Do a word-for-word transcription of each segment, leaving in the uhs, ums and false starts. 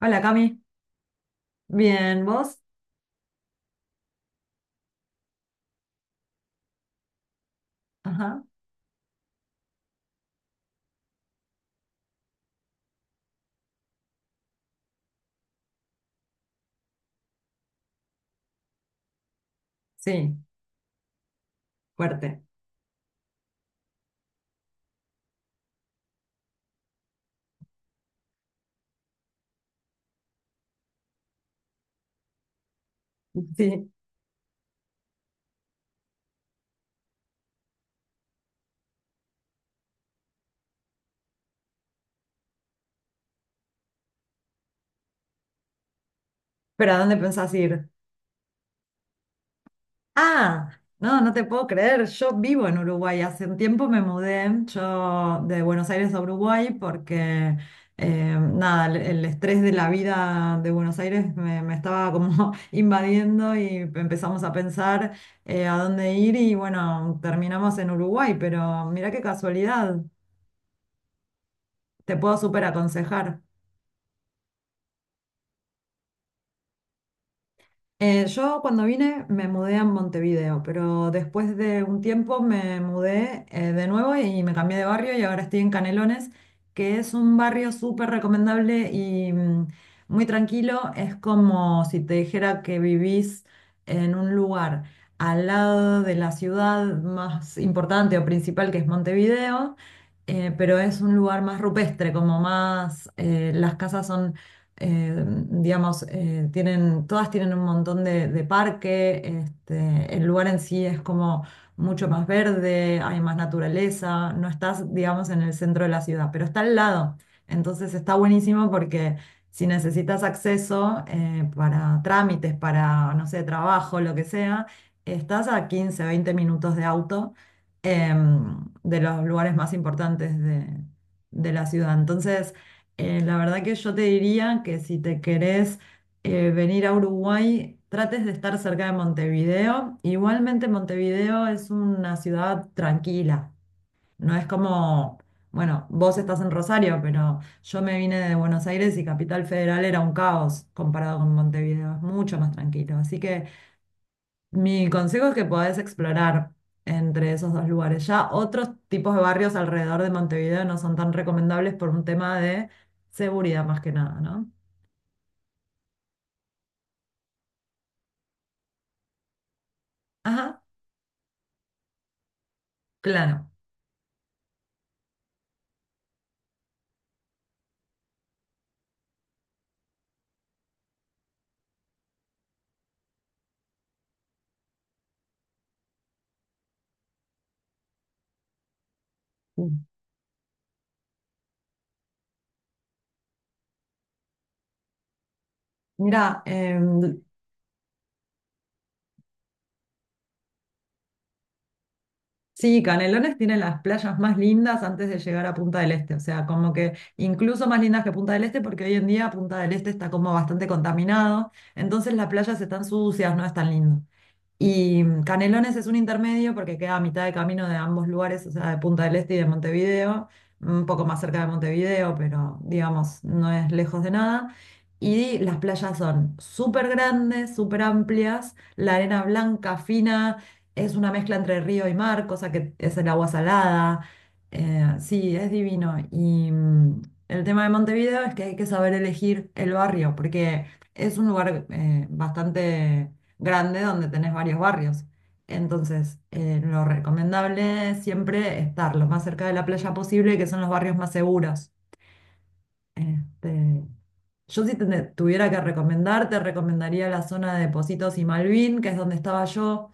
Hola Cami, bien, ¿vos? Ajá, sí, fuerte, sí, pero ¿a dónde pensás ir? Ah, no, no te puedo creer, yo vivo en Uruguay, hace un tiempo me mudé yo de Buenos Aires a Uruguay porque, eh, nada, el, el estrés de la vida de Buenos Aires me, me estaba como invadiendo y empezamos a pensar eh, a dónde ir y bueno, terminamos en Uruguay, pero mirá qué casualidad, te puedo súper aconsejar. Eh, yo cuando vine me mudé a Montevideo, pero después de un tiempo me mudé eh, de nuevo y me cambié de barrio y ahora estoy en Canelones, que es un barrio súper recomendable y mm, muy tranquilo. Es como si te dijera que vivís en un lugar al lado de la ciudad más importante o principal que es Montevideo, eh, pero es un lugar más rupestre, como más, eh, las casas son eh, digamos, eh, tienen, todas tienen un montón de, de parque, este, el lugar en sí es como mucho más verde, hay más naturaleza, no estás, digamos, en el centro de la ciudad, pero está al lado. Entonces está buenísimo porque si necesitas acceso eh, para trámites, para, no sé, trabajo, lo que sea, estás a quince veinte minutos de auto em, de los lugares más importantes de, de la ciudad. Entonces, eh, la verdad que yo te diría que si te querés eh, venir a Uruguay, trates de estar cerca de Montevideo. Igualmente Montevideo es una ciudad tranquila. No es como, bueno, vos estás en Rosario, pero yo me vine de Buenos Aires y Capital Federal era un caos comparado con Montevideo. Es mucho más tranquilo. Así que mi consejo es que podés explorar entre esos dos lugares. Ya otros tipos de barrios alrededor de Montevideo no son tan recomendables por un tema de seguridad más que nada, ¿no? Ajá, claro. Mira, sí, Canelones tiene las playas más lindas antes de llegar a Punta del Este, o sea, como que incluso más lindas que Punta del Este porque hoy en día Punta del Este está como bastante contaminado, entonces las playas están sucias, no es tan lindo. Y mm, Canelones es un intermedio porque queda a mitad de camino de ambos lugares, o sea, de Punta del Este y de Montevideo, un poco más cerca de Montevideo, pero digamos, no es lejos de nada. Y las playas son súper grandes, súper amplias, la arena blanca, fina, es una mezcla entre río y mar, cosa que es el agua salada. Eh, sí, es divino. Y mm, el tema de Montevideo es que hay que saber elegir el barrio, porque es un lugar eh, bastante grande donde tenés varios barrios. Entonces, eh, lo recomendable es siempre estar lo más cerca de la playa posible, que son los barrios más seguros. Este, yo si te- tuviera que recomendar, te recomendaría la zona de Positos y Malvin, que es donde estaba yo,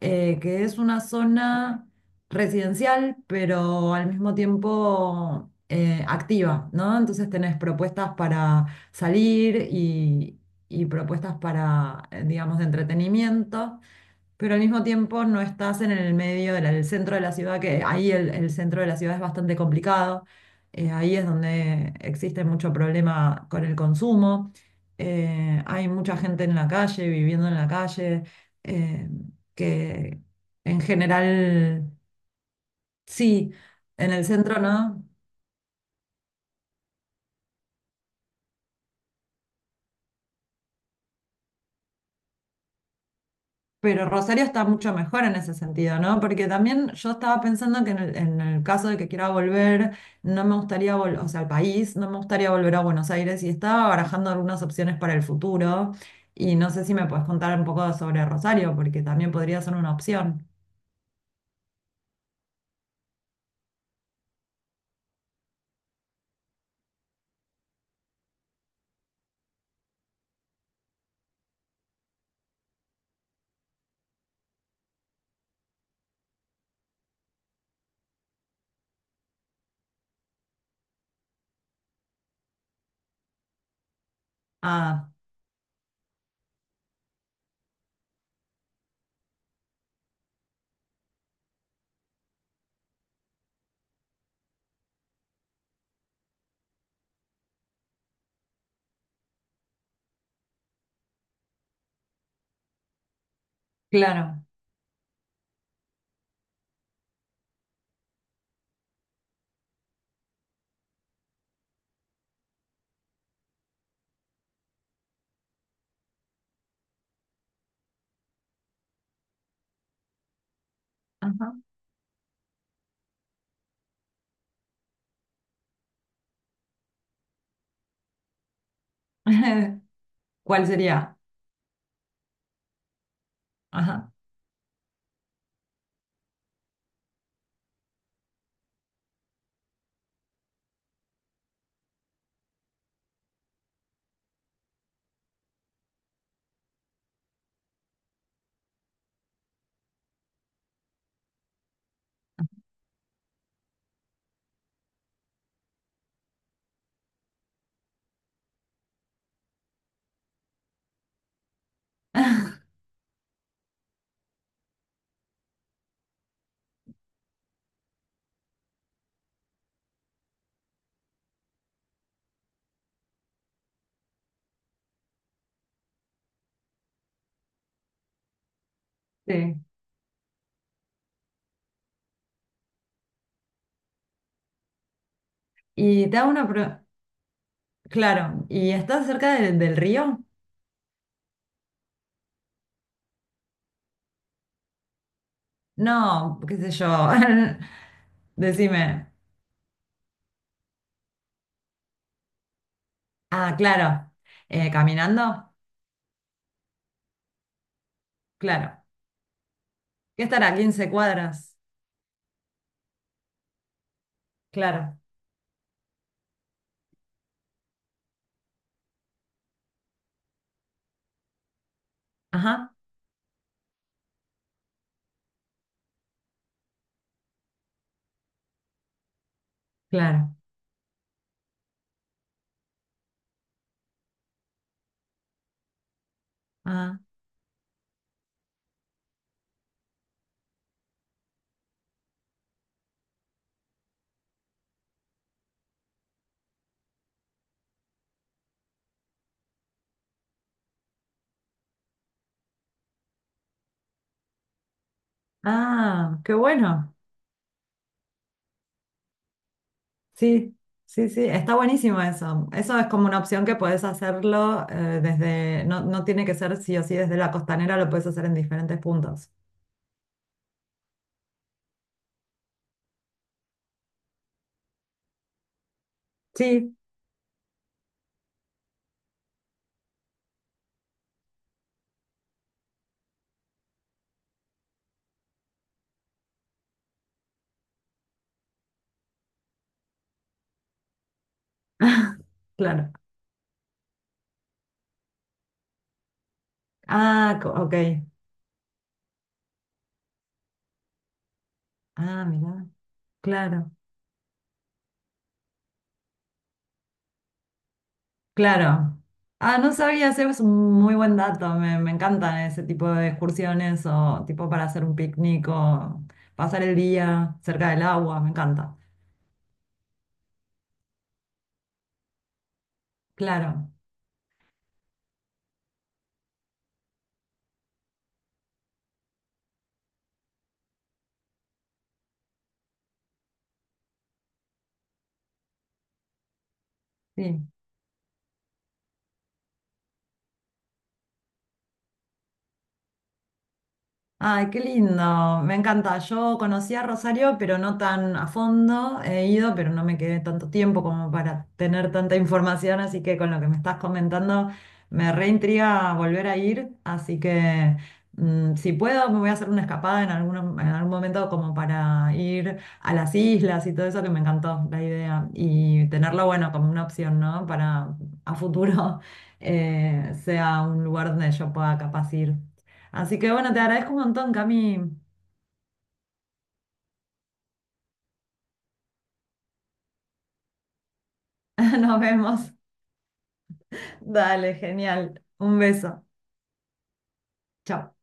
eh, que es una zona residencial, pero al mismo tiempo eh, activa, ¿no? Entonces tenés propuestas para salir y, y propuestas para, eh, digamos, de entretenimiento. Pero al mismo tiempo no estás en el medio, del el centro de la ciudad, que ahí el, el centro de la ciudad es bastante complicado. Eh, ahí es donde existe mucho problema con el consumo. Eh, hay mucha gente en la calle, viviendo en la calle, eh, que en general, sí, en el centro no. Pero Rosario está mucho mejor en ese sentido, ¿no? Porque también yo estaba pensando que en el, en el caso de que quiera volver, no me gustaría volver, o sea, al país, no me gustaría volver a Buenos Aires y estaba barajando algunas opciones para el futuro y no sé si me puedes contar un poco sobre Rosario, porque también podría ser una opción. Ah, claro. Ajá. ¿Cuál sería? Ajá. Sí. Y te hago una pregunta. Claro, ¿y estás cerca de- del río? No, qué sé yo. Decime. Ah, claro. Eh, ¿caminando? Claro. ¿Qué estará? ¿Quince cuadras? Claro. Ajá, claro. Ah, ah, qué bueno. Sí, sí, sí. Está buenísimo eso. Eso es como una opción que puedes hacerlo eh, desde, no, no tiene que ser sí o sí desde la costanera, lo puedes hacer en diferentes puntos. Sí, claro. Ah, co- ok. Ah, mira, claro. Claro. Ah, no sabía, ese es un muy buen dato. Me, me encantan ese tipo de excursiones o tipo para hacer un picnic o pasar el día cerca del agua, me encanta. Claro, sí. Ay, qué lindo, me encanta. Yo conocí a Rosario, pero no tan a fondo. He ido, pero no me quedé tanto tiempo como para tener tanta información, así que con lo que me estás comentando me reintriga volver a ir, así que mm, si puedo me voy a hacer una escapada en algún, en algún momento como para ir a las islas y todo eso que me encantó la idea y tenerlo, bueno, como una opción, ¿no? Para a futuro eh, sea un lugar donde yo pueda capaz ir. Así que bueno, te agradezco un montón, Cami. Nos vemos. Dale, genial. Un beso. Chao.